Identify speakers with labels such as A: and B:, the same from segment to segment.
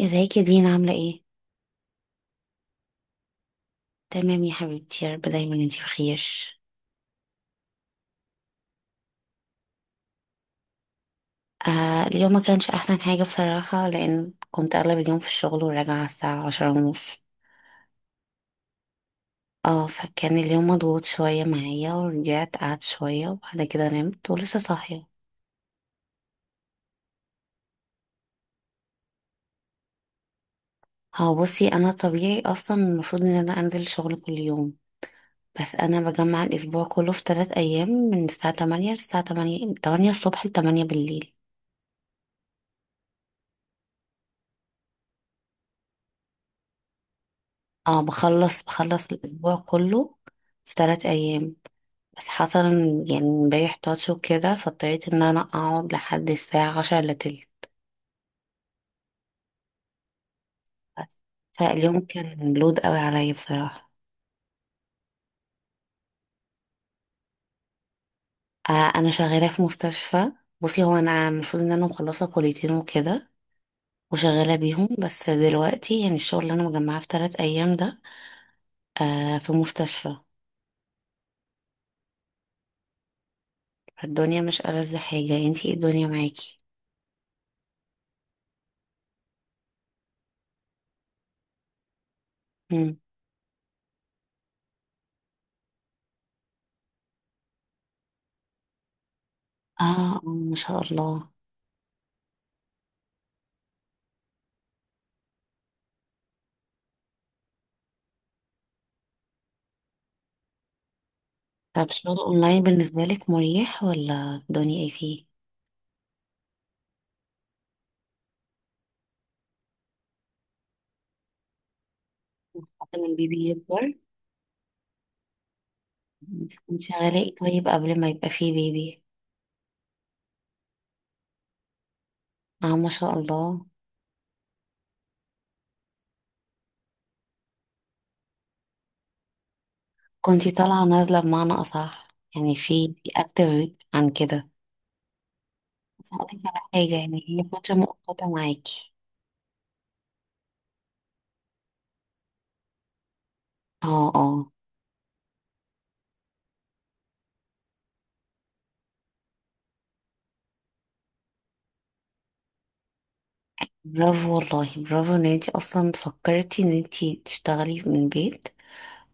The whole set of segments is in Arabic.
A: ازيك يا دينا، عاملة ايه؟ تمام يا حبيبتي، يا رب دايما انتي بخير. آه، اليوم ما كانش احسن حاجة بصراحة، لان كنت اغلب اليوم في الشغل وراجعة على الساعة 10:30. اه، فكان اليوم مضغوط شوية معايا ورجعت قعدت شوية وبعد كده نمت ولسه صاحية. هو بصي، انا طبيعي اصلا المفروض ان انا انزل الشغل كل يوم، بس انا بجمع الاسبوع كله في 3 ايام من الساعة 8 للساعة 8، 8 الصبح ل 8 بالليل. اه، بخلص الاسبوع كله في ثلاث ايام. بس حصل يعني امبارح تاتش وكده، فاضطريت ان انا اقعد لحد الساعة 9:45 بس. فاليوم كان لود قوي عليا بصراحة. آه، انا شغالة في مستشفى. بصي، هو انا المفروض ان انا مخلصة كليتين وكده وشغالة بيهم، بس دلوقتي يعني الشغل اللي انا مجمعاه في 3 ايام ده آه في مستشفى. الدنيا مش ألذ حاجة؟ انتي ايه الدنيا معاكي؟ مم، اه آه، ما شاء الله. طب شغل اونلاين بالنسبة لك مريح ولا الدنيا ايه فيه؟ حتى من البيبي يكبر. انت كنتي غلاء طيب قبل ما يبقى فيه بيبي؟ اه، ما شاء الله. كنتي طالعة نازلة بمعنى أصح، يعني في أكتر عن كده. بس هقولك على حاجة، يعني هي فترة مؤقتة معاكي؟ اه اه. برافو والله، برافو ان انتي اصلا فكرتي ان انتي تشتغلي من البيت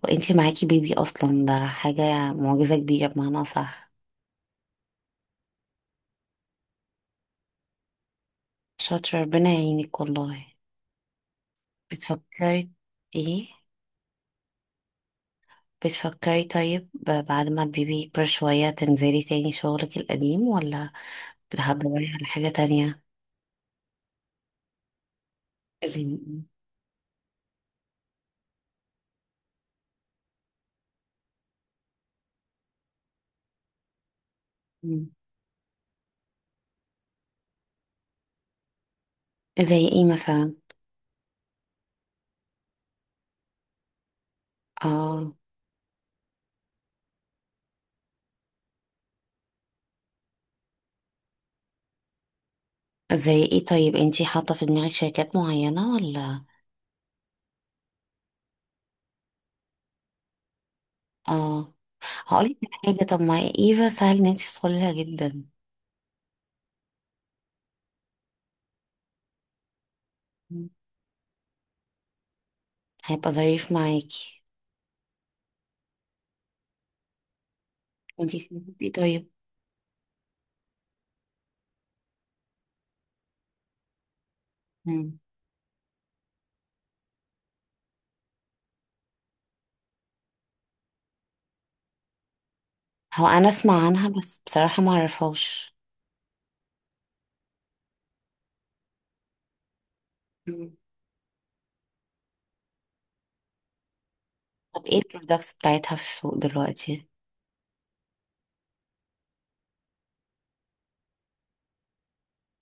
A: وانتي معاكي بيبي، اصلا ده حاجة معجزة كبيرة بمعنى أصح. شاطرة، ربنا يعينك والله. بتفكري ايه؟ بتفكري طيب بعد ما البيبي يكبر شوية تنزلي تاني شغلك القديم ولا هتدوري على حاجة تانية؟ زي إيه؟ مم. زي ايه مثلا؟ اه. زي ايه طيب؟ انتي حاطة في دماغك شركات معينة ولا؟ اه، هقولك على حاجة، طب ما ايفا سهل ان انتي تدخلي لها جدا. مم. هيبقى ظريف معاكي. وانتي شايفة ايه طيب؟ مم. هو انا اسمع عنها بس بصراحة ما اعرفهاش. مم. طب ايه البرودكتس بتاعتها في السوق دلوقتي؟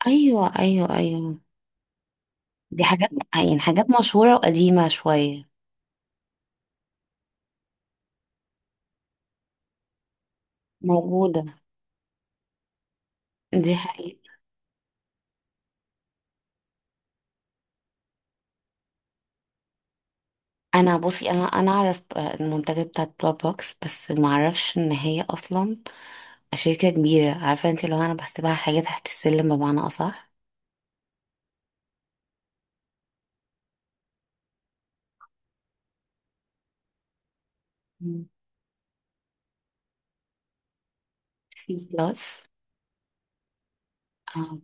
A: ايوه ايوه ايوه، دي حاجات، يعني حاجات مشهورة وقديمة شوية. موجودة، دي حقيقة. انا بصي، انا اعرف المنتجات بتاعت بلاد بوكس بس ما اعرفش ان هي اصلا شركة كبيرة. عارفة انت، لو انا بحسبها حاجة تحت السلم بمعنى اصح. مم. سي بلس. اه،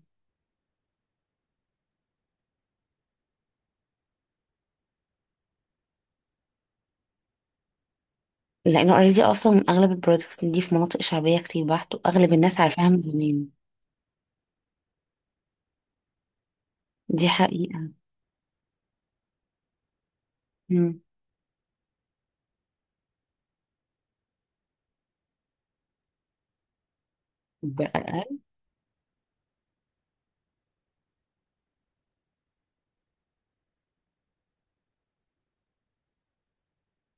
A: لانه اوريدي اصلا اغلب البرودكتس دي في مناطق شعبية كتير بحت واغلب الناس عارفاها من زمان. دي حقيقة. مم. بأقل.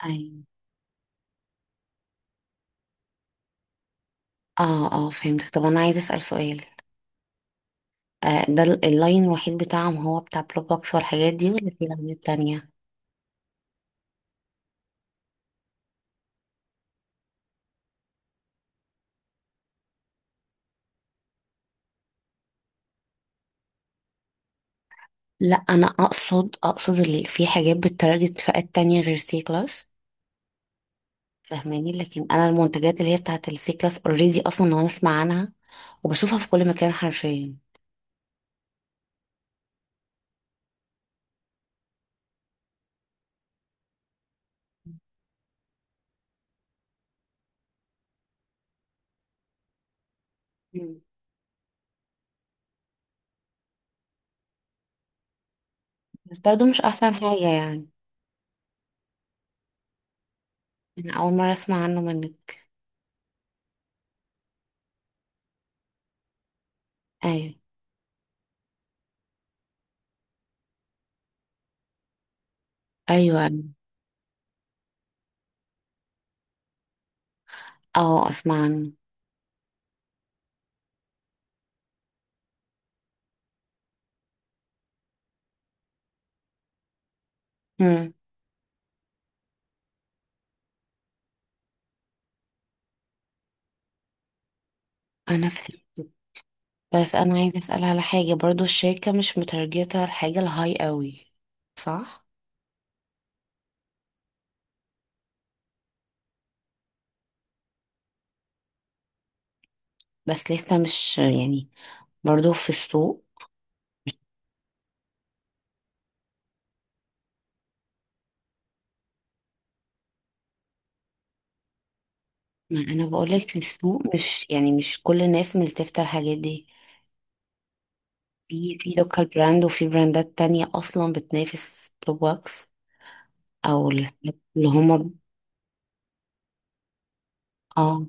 A: ايوه. اه اه، فهمتك. طب انا عايزة اسأل سؤال. آه، ده اللاين الوحيد بتاعهم هو بتاع بلوبوكس والحاجات دي ولا في لاينات تانية؟ لا، انا اقصد اللي في حاجات بتتارجت فئات تانية غير سي كلاس. فاهماني، لكن انا المنتجات اللي هي بتاعت السي كلاس اوريدي اصلا انا اسمع عنها وبشوفها في كل مكان حرفيا. مم. بس برضه مش احسن حاجة يعني. انا اول مرة اسمع عنه منك. ايوه ايوه. اه اسمع عنه. مم. انا فهمت، بس انا عايزة اسأل على حاجة برضه، الشركة مش متارجتة الحاجة الهاي قوي، صح؟ بس لسه مش يعني برضو في السوق. ما انا بقول لك في السوق، مش يعني مش كل الناس ملتفتة الحاجات دي. في لوكال براند وفي براندات تانية اصلا بتنافس بلوبوكس او الحاجات اللي هما. اه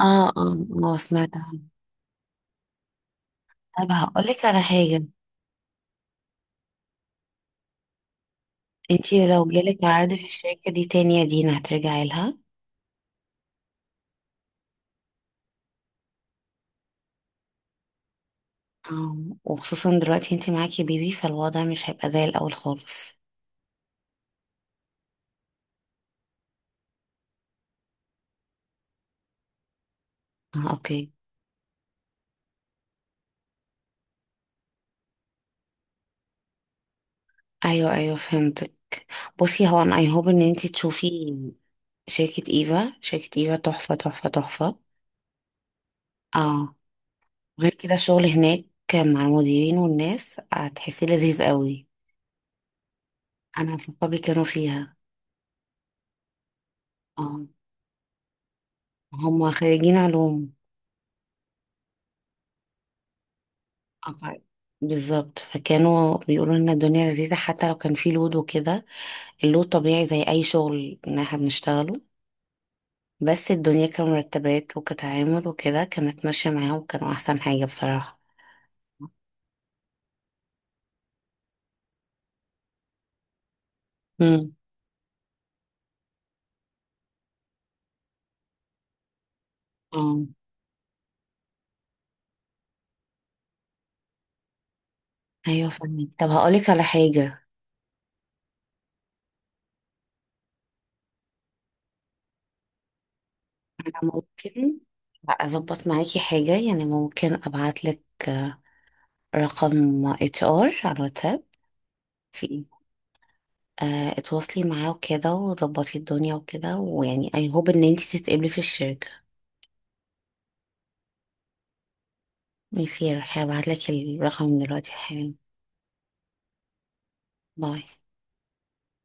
A: اه. اه اه، سمعت عنها. طب هقول لك على حاجة، انتي لو جالك عرض في الشركة دي تاني يا دينا هترجعي لها؟ اه، وخصوصا دلوقتي انتي معاكي بيبي فالوضع مش هيبقى زي الاول خالص. اه اوكي. ايوه ايوه، فهمتك. بصي، هو انا اي هوب ان انتي تشوفي شركة إيفا. شركة إيفا تحفة تحفة تحفة. اه. غير كده، الشغل هناك مع المديرين والناس هتحسيه لذيذ قوي. أنا صحابي كانوا فيها. اه، هم خريجين علوم. آه، بالظبط، فكانوا بيقولوا لنا الدنيا لذيذة حتى لو كان في لود وكده. اللود طبيعي زي أي شغل إن احنا بنشتغله، بس الدنيا كمرتبات وكتعامل وكده كانت ماشية معاهم، كانوا أحسن حاجة بصراحة. مم. اه. أيوة فاهمك. طب هقولك على حاجة، ممكن اظبط معاكي حاجه يعني، ممكن ابعت لك رقم HR على الواتساب. في آه، اتواصلي معاه وكده وظبطي الدنيا وكده، ويعني اي هوب ان انتي تتقبلي في الشركه. ميسي، هبعت لك الرقم دلوقتي حالا. باي.